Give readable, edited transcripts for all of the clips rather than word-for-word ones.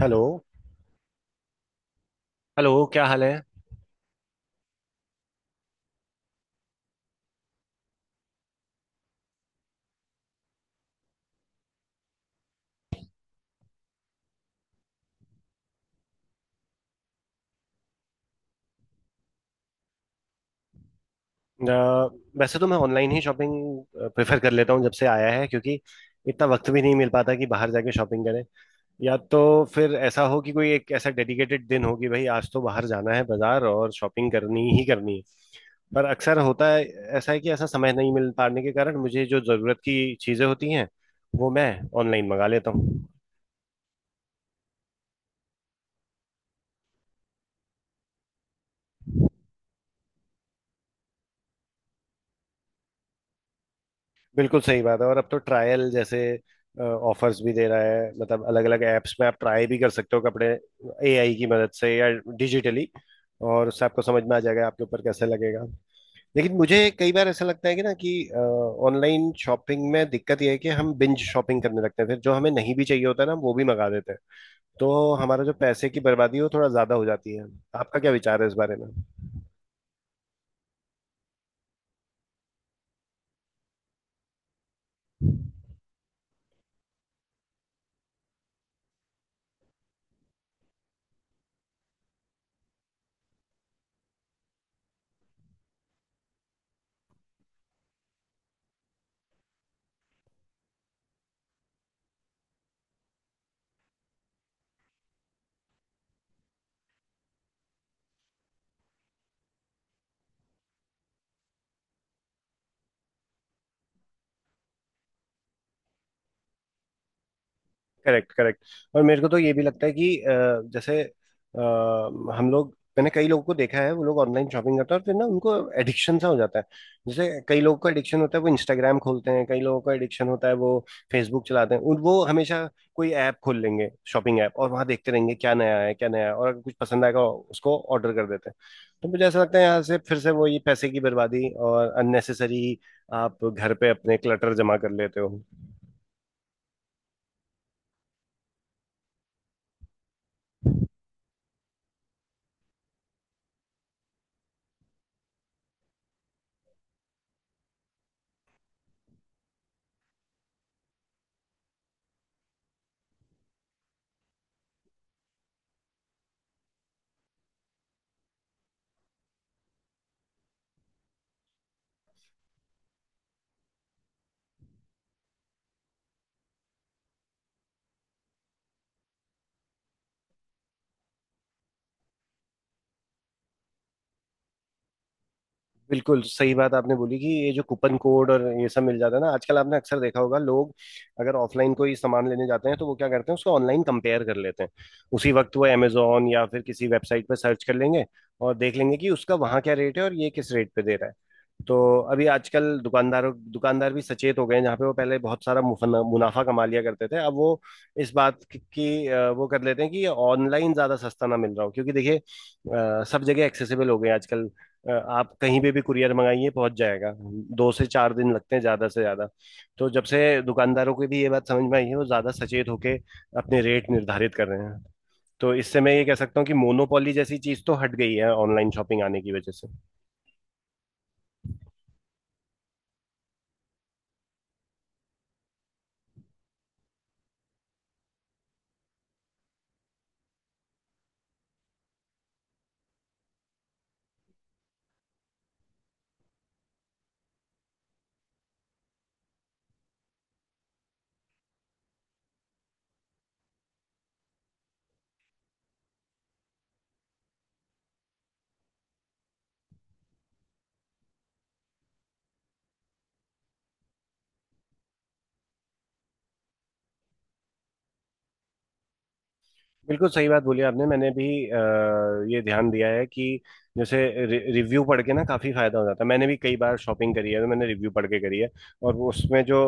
Hello. Hello, क्या हाल है? अ, वैसे तो मैं ऑनलाइन ही शॉपिंग प्रेफर कर लेता हूँ जब से आया है, क्योंकि इतना वक्त भी नहीं मिल पाता कि बाहर जाके शॉपिंग करें। या तो फिर ऐसा हो कि कोई एक ऐसा डेडिकेटेड दिन हो कि भाई आज तो बाहर जाना है बाजार, और शॉपिंग करनी ही करनी है। पर अक्सर होता है ऐसा है कि ऐसा समय नहीं मिल पाने के कारण मुझे जो ज़रूरत की चीज़ें होती हैं वो मैं ऑनलाइन मंगा लेता हूँ। बिल्कुल सही बात है, और अब तो ट्रायल जैसे ऑफर्स भी दे रहा है। मतलब अलग अलग ऐप्स में आप ट्राई भी कर सकते हो कपड़े एआई की मदद से या डिजिटली, और उससे आपको समझ में आ जाएगा आपके ऊपर कैसे लगेगा। लेकिन मुझे कई बार ऐसा लगता है कि ना कि ऑनलाइन शॉपिंग में दिक्कत यह है कि हम बिंज शॉपिंग करने लगते हैं, फिर जो हमें नहीं भी चाहिए होता है ना हम वो भी मंगा देते हैं। तो हमारा जो पैसे की बर्बादी है वो थोड़ा ज्यादा हो जाती है। आपका क्या विचार है इस बारे में? Correct, correct. और मेरे को तो ये भी लगता है कि जैसे, हम लोग, मैंने कई लोगों को देखा है, वो लोग ऑनलाइन शॉपिंग करते हैं और फिर ना उनको एडिक्शन सा हो जाता है। जैसे कई लोगों का एडिक्शन होता है वो इंस्टाग्राम खोलते हैं, कई लोगों का एडिक्शन होता है वो फेसबुक चलाते हैं। वो हमेशा कोई ऐप खोल लेंगे, शॉपिंग ऐप, और वहां देखते रहेंगे क्या नया है, क्या नया है, और अगर कुछ पसंद आएगा उसको ऑर्डर कर देते हैं। तो मुझे ऐसा लगता है यहाँ से फिर से वो ये पैसे की बर्बादी और अननेसेसरी आप घर पे अपने क्लटर जमा कर लेते हो। बिल्कुल सही बात आपने बोली कि ये जो कूपन कोड और ये सब मिल जाता है ना आजकल, आपने अक्सर देखा होगा, लोग अगर ऑफलाइन कोई सामान लेने जाते हैं तो वो क्या करते हैं उसको ऑनलाइन कंपेयर कर लेते हैं उसी वक्त। वो Amazon या फिर किसी वेबसाइट पर सर्च कर लेंगे और देख लेंगे कि उसका वहाँ क्या रेट है और ये किस रेट पे दे रहा है। तो अभी आजकल दुकानदार भी सचेत हो गए हैं। जहाँ पे वो पहले बहुत सारा मुनाफा कमा लिया करते थे, अब वो इस बात की वो कर लेते हैं कि ऑनलाइन ज्यादा सस्ता ना मिल रहा हो, क्योंकि देखिए सब जगह एक्सेसिबल हो गए हैं आजकल। आप कहीं पे भी कुरियर मंगाइए पहुंच जाएगा। दो से चार दिन लगते हैं ज्यादा से ज्यादा। तो जब से दुकानदारों को भी ये बात समझ में आई है वो ज्यादा सचेत होके अपने रेट निर्धारित कर रहे हैं। तो इससे मैं ये कह सकता हूँ कि मोनोपोली जैसी चीज तो हट गई है ऑनलाइन शॉपिंग आने की वजह से। बिल्कुल सही बात बोली आपने। मैंने भी अ, ये ध्यान दिया है कि जैसे रिव्यू पढ़ के ना काफ़ी फायदा हो जाता है। मैंने भी कई बार शॉपिंग करी है तो मैंने रिव्यू पढ़ के करी है, और वो उसमें जो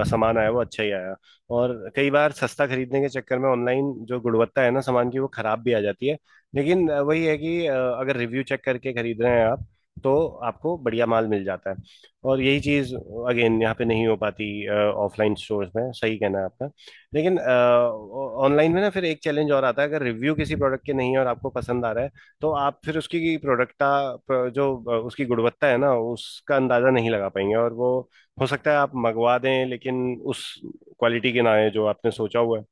सामान आया वो अच्छा ही आया। और कई बार सस्ता खरीदने के चक्कर में ऑनलाइन जो गुणवत्ता है ना सामान की वो खराब भी आ जाती है। लेकिन वही है कि अगर रिव्यू चेक करके खरीद रहे हैं आप तो आपको बढ़िया माल मिल जाता है, और यही चीज़ अगेन यहाँ पे नहीं हो पाती ऑफलाइन स्टोर्स में, सही कहना है आपका। लेकिन ऑनलाइन में ना फिर एक चैलेंज और आता है, अगर रिव्यू किसी प्रोडक्ट के नहीं है और आपको पसंद आ रहा है तो आप फिर उसकी प्रोडक्टा जो उसकी गुणवत्ता है ना उसका अंदाजा नहीं लगा पाएंगे, और वो हो सकता है आप मंगवा दें लेकिन उस क्वालिटी के ना आए जो आपने सोचा हुआ है।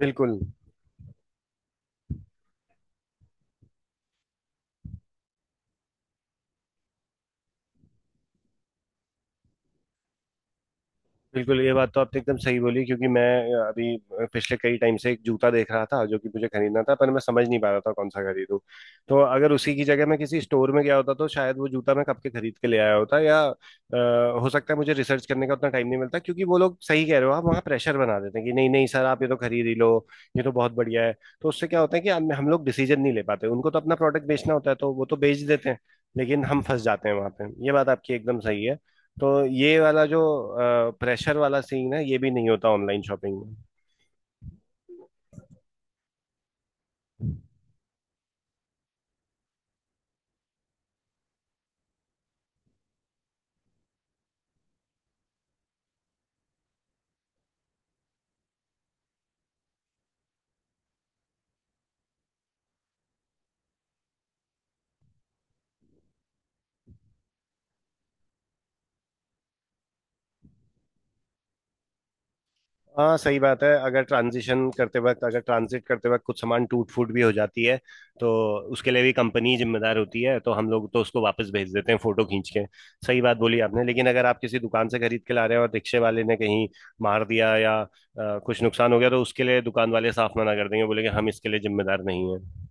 बिल्कुल बिल्कुल ये बात तो आपने एकदम सही बोली, क्योंकि मैं अभी पिछले कई टाइम से एक जूता देख रहा था जो कि मुझे खरीदना था, पर मैं समझ नहीं पा रहा था कौन सा खरीदूं। तो अगर उसी की जगह मैं किसी स्टोर में गया होता तो शायद वो जूता मैं कब के खरीद के ले आया होता, या हो सकता है मुझे रिसर्च करने का उतना टाइम नहीं मिलता, क्योंकि वो लोग, सही कह रहे हो आप, वहाँ प्रेशर बना देते हैं कि नहीं नहीं सर आप ये तो खरीद ही लो, ये तो बहुत बढ़िया है। तो उससे क्या होता है कि हम लोग डिसीजन नहीं ले पाते। उनको तो अपना प्रोडक्ट बेचना होता है तो वो तो बेच देते हैं, लेकिन हम फंस जाते हैं वहां पे। ये बात आपकी एकदम सही है। तो ये वाला जो प्रेशर वाला सीन है ये भी नहीं होता ऑनलाइन शॉपिंग में। हाँ, सही बात है। अगर ट्रांजिशन करते वक्त, अगर ट्रांजिट करते वक्त कुछ सामान टूट फूट भी हो जाती है तो उसके लिए भी कंपनी जिम्मेदार होती है, तो हम लोग तो उसको वापस भेज देते हैं फोटो खींच के। सही बात बोली आपने, लेकिन अगर आप किसी दुकान से खरीद के ला रहे हो और रिक्शे वाले ने कहीं मार दिया या कुछ नुकसान हो गया, तो उसके लिए दुकान वाले साफ मना कर देंगे, बोलेंगे हम इसके लिए जिम्मेदार नहीं है।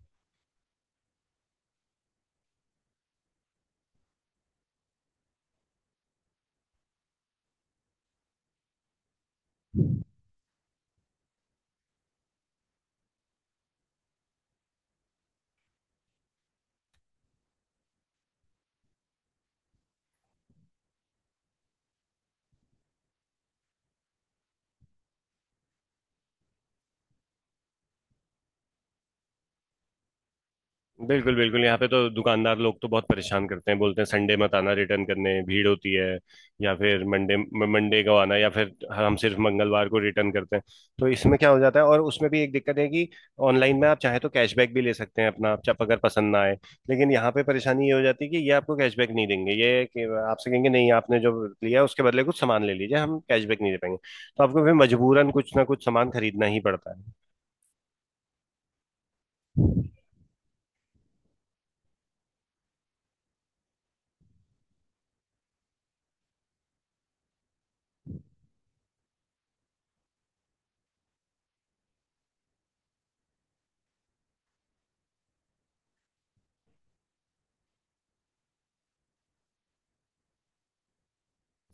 बिल्कुल बिल्कुल, यहाँ पे तो दुकानदार लोग तो बहुत परेशान करते हैं, बोलते हैं संडे मत आना रिटर्न करने, भीड़ होती है, या फिर मंडे मंडे को आना, या फिर हम सिर्फ मंगलवार को रिटर्न करते हैं। तो इसमें क्या हो जाता है, और उसमें भी एक दिक्कत है कि ऑनलाइन में आप चाहे तो कैशबैक भी ले सकते हैं अपना, आप अगर पसंद ना आए। लेकिन यहाँ पे परेशानी ये हो जाती है कि ये आपको कैशबैक नहीं देंगे, ये कि आपसे कहेंगे नहीं आपने जो लिया उसके बदले कुछ सामान ले लीजिए, हम कैशबैक नहीं दे पाएंगे। तो आपको फिर मजबूरन कुछ ना कुछ सामान खरीदना ही पड़ता है।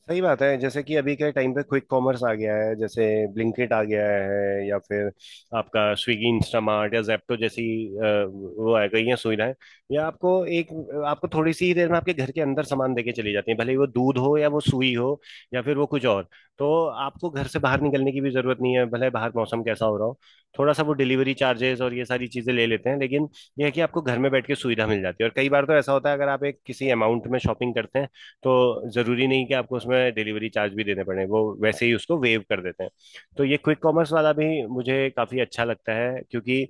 सही बात है, जैसे कि अभी के टाइम पे क्विक कॉमर्स आ गया है, जैसे ब्लिंकिट आ गया है, या फिर आपका स्विगी इंस्टामार्ट या जेप्टो जैसी अ, वो आ गई हैं सुविधाएं। या आपको एक आपको थोड़ी सी ही देर में आपके घर के अंदर सामान देके चली जाती है, भले ही वो दूध हो या वो सुई हो या फिर वो कुछ और। तो आपको घर से बाहर निकलने की भी जरूरत नहीं है, भले बाहर मौसम कैसा हो रहा हो। थोड़ा सा वो डिलीवरी चार्जेस और ये सारी चीजें ले लेते हैं, लेकिन यह है कि आपको घर में बैठ के सुविधा मिल जाती है। और कई बार तो ऐसा होता है अगर आप एक किसी अमाउंट में शॉपिंग करते हैं तो ज़रूरी नहीं कि आपको उसमें डिलीवरी चार्ज भी देने पड़े, वो वैसे ही उसको वेव कर देते हैं। तो ये क्विक कॉमर्स वाला भी मुझे काफ़ी अच्छा लगता है, क्योंकि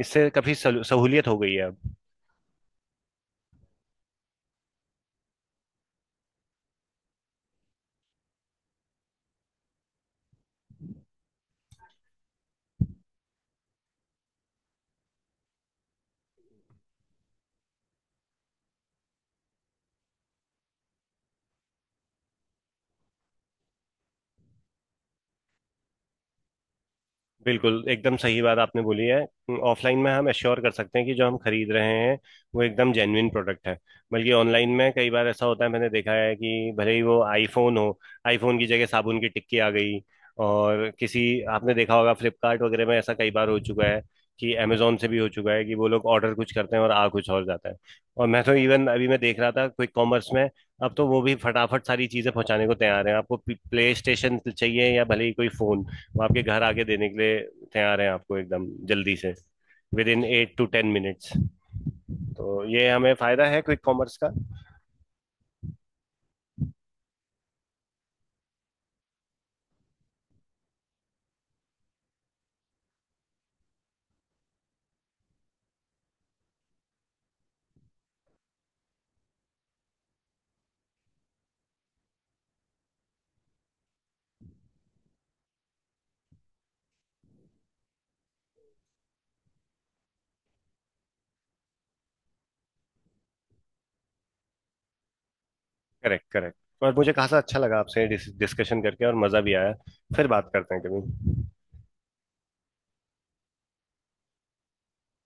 इससे काफ़ी सहूलियत हो गई है अब। बिल्कुल एकदम सही बात आपने बोली है। ऑफलाइन में हम एश्योर कर सकते हैं कि जो हम खरीद रहे हैं वो एकदम जेन्युइन प्रोडक्ट है। बल्कि ऑनलाइन में कई बार ऐसा होता है, मैंने देखा है कि भले ही वो आईफोन हो, आईफोन की जगह साबुन की टिक्की आ गई। और किसी, आपने देखा होगा फ्लिपकार्ट वगैरह में ऐसा कई बार हो चुका है कि, अमेजोन से भी हो चुका है कि वो लोग ऑर्डर कुछ करते हैं और आ कुछ और जाता है। और मैं तो इवन अभी मैं देख रहा था क्विक कॉमर्स में अब तो वो भी फटाफट सारी चीज़ें पहुंचाने को तैयार हैं। आपको प्ले स्टेशन चाहिए या भले ही कोई फोन, वो आपके घर आके देने के लिए तैयार हैं, आपको एकदम जल्दी से, विद इन 8 to 10 minutes। तो ये हमें फायदा है क्विक कॉमर्स का। Correct, correct. और मुझे खासा अच्छा लगा आपसे डिस्कशन करके, और मजा भी आया। फिर बात करते हैं कभी।